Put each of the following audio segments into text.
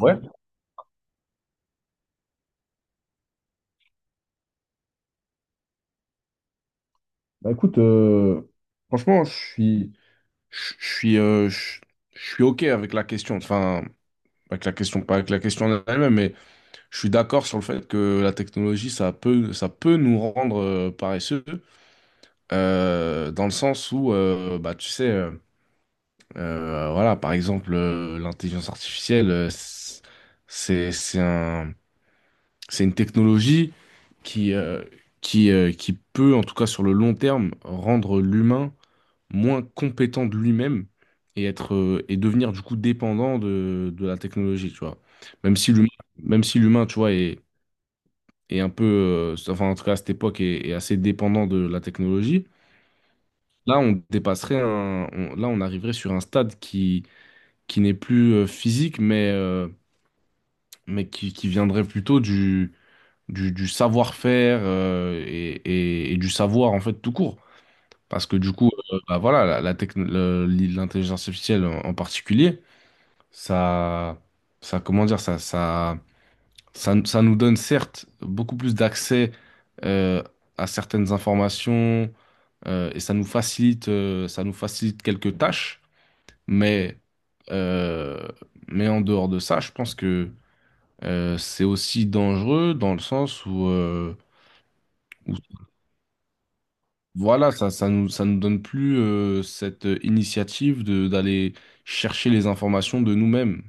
Ouais, bah écoute, franchement, je suis, je suis, je suis OK avec la question, enfin, avec la question, pas avec la question en elle-même, mais je suis d'accord sur le fait que la technologie, ça peut nous rendre paresseux, dans le sens où, bah, tu sais, voilà, par exemple, l'intelligence artificielle, c'est c'est un, C'est une technologie qui, euh, qui peut, en tout cas sur le long terme, rendre l'humain moins compétent de lui-même et être, et devenir du coup dépendant de la technologie, tu vois. Même si l'humain, même si l'humain, tu vois, est un peu, enfin en tout cas à cette époque, est assez dépendant de la technologie, là on dépasserait là on arriverait sur un stade qui n'est plus physique, mais qui viendrait plutôt du savoir-faire et du savoir en fait tout court. Parce que du coup, bah voilà, l'intelligence artificielle en particulier, ça, comment dire, ça nous donne certes beaucoup plus d'accès euh, à certaines informations et ça nous facilite quelques tâches, mais euh, mais en dehors de ça, je pense que c'est aussi dangereux dans le sens où. Voilà, ça nous donne plus cette initiative de d'aller chercher les informations de nous-mêmes.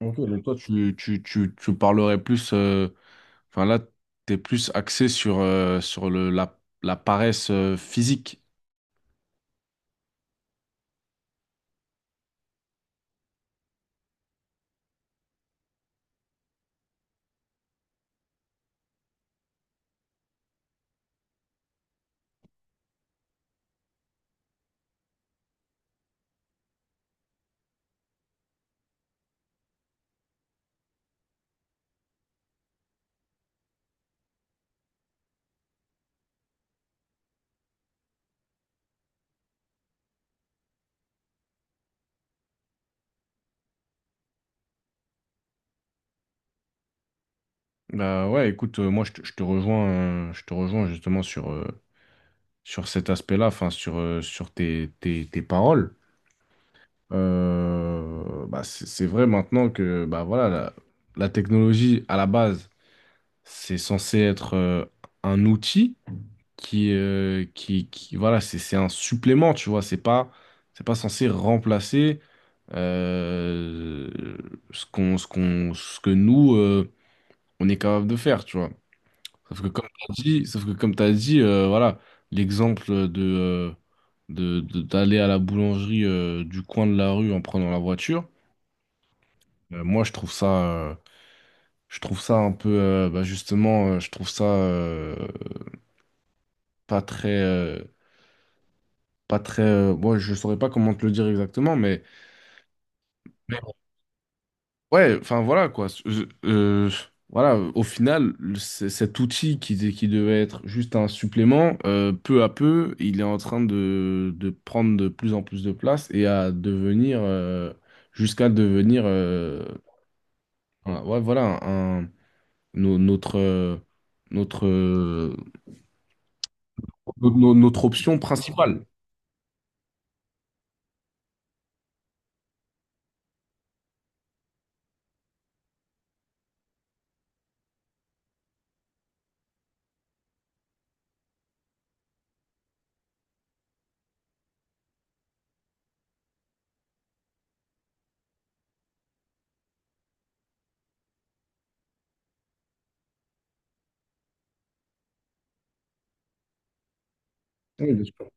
Ok, donc toi, tu parlerais plus, enfin là, t'es plus axé sur, la paresse physique. Bah ouais, écoute, je te rejoins justement sur, sur cet aspect-là, enfin sur, tes paroles. Bah c'est vrai maintenant que bah voilà, la technologie à la base, c'est censé être un outil qui, qui voilà, c'est un supplément, tu vois, c'est pas censé remplacer euh, ce que nous, on est capable de faire, tu vois. Sauf que comme t'as dit voilà, l'exemple de, d'aller à la boulangerie du coin de la rue en prenant la voiture, moi euh, je trouve ça un peu, bah, justement, je trouve ça pas très, euh, pas très, moi je saurais pas comment te le dire exactement, mais… Ouais, enfin voilà quoi. Voilà, au final, cet outil qui devait être juste un supplément, peu à peu, il est en train de prendre de plus en plus de place et à devenir, jusqu'à devenir, ouais, voilà, notre, notre, notre option principale. Oui, bien sûr.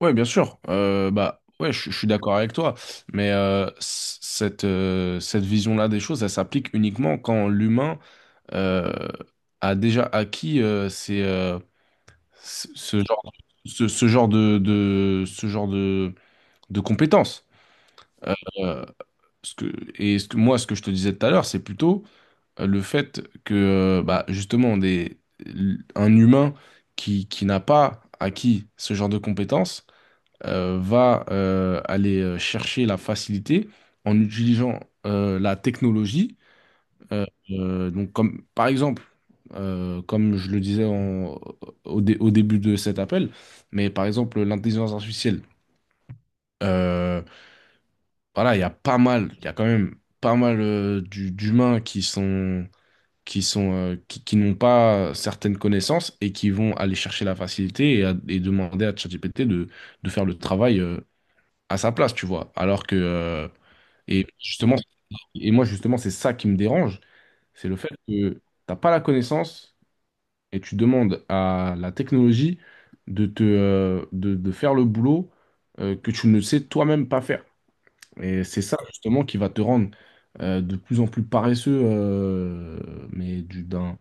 Ouais, bien sûr. Bah ouais, je suis d'accord avec toi. Mais cette cette vision-là des choses, elle s'applique uniquement quand l'humain euh, a déjà acquis ces, ce ce genre ce, ce genre de ce genre de compétences. Euh, ce que, et ce que, moi, ce que je te disais tout à l'heure, c'est plutôt le fait que, bah, justement, un humain qui n'a pas acquis ce genre de compétences va aller chercher la facilité en utilisant la technologie. Donc comme, par exemple, comme je le disais au début de cet appel, mais par exemple l'intelligence artificielle. Euh, voilà, il y a pas mal, il y a quand même pas mal d'humains qui sont qui n'ont pas certaines connaissances et qui vont aller chercher la facilité et demander à ChatGPT de faire le travail à sa place, tu vois. Alors que, justement, et moi, justement, c'est ça qui me dérange, c'est le fait que t'as pas la connaissance et tu demandes à la technologie de te, de faire le boulot que tu ne sais toi-même pas faire. Et c'est ça, justement, qui va te rendre de plus en plus paresseux, d'un.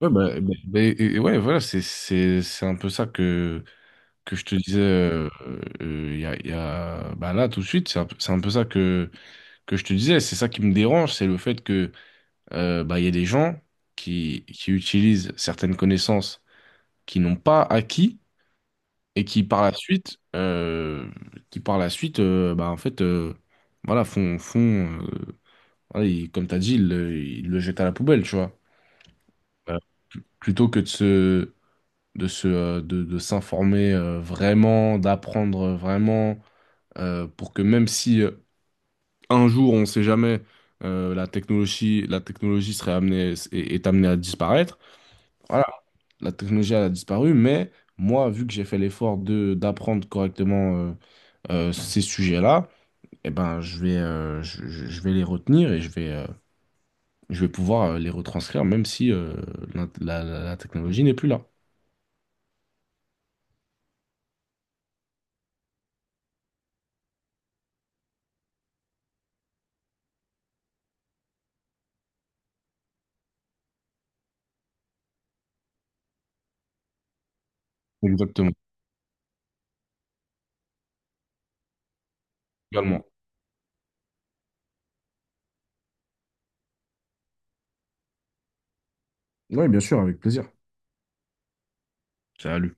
Ouais, et ouais, voilà, c'est un peu ça que je te disais il y a, bah là, tout de suite, c'est un peu ça que je te disais, c'est ça qui me dérange, c'est le fait que bah, il y a des gens qui utilisent certaines connaissances qu'ils n'ont pas acquis et qui par la suite, bah, en fait, voilà, font voilà, ils- comme tu as dit, ils le jettent à la poubelle, tu vois. Euh, plutôt que de se, de s'informer vraiment, d'apprendre vraiment, pour que même si un jour, on ne sait jamais, la technologie serait amenée, est amenée à disparaître. Voilà, la technologie elle a disparu, mais moi, vu que j'ai fait l'effort de d'apprendre correctement ces sujets-là, eh ben, je vais les retenir et je vais pouvoir les retranscrire, même si la technologie n'est plus là. Exactement. Également. Oui, bien sûr, avec plaisir. Salut.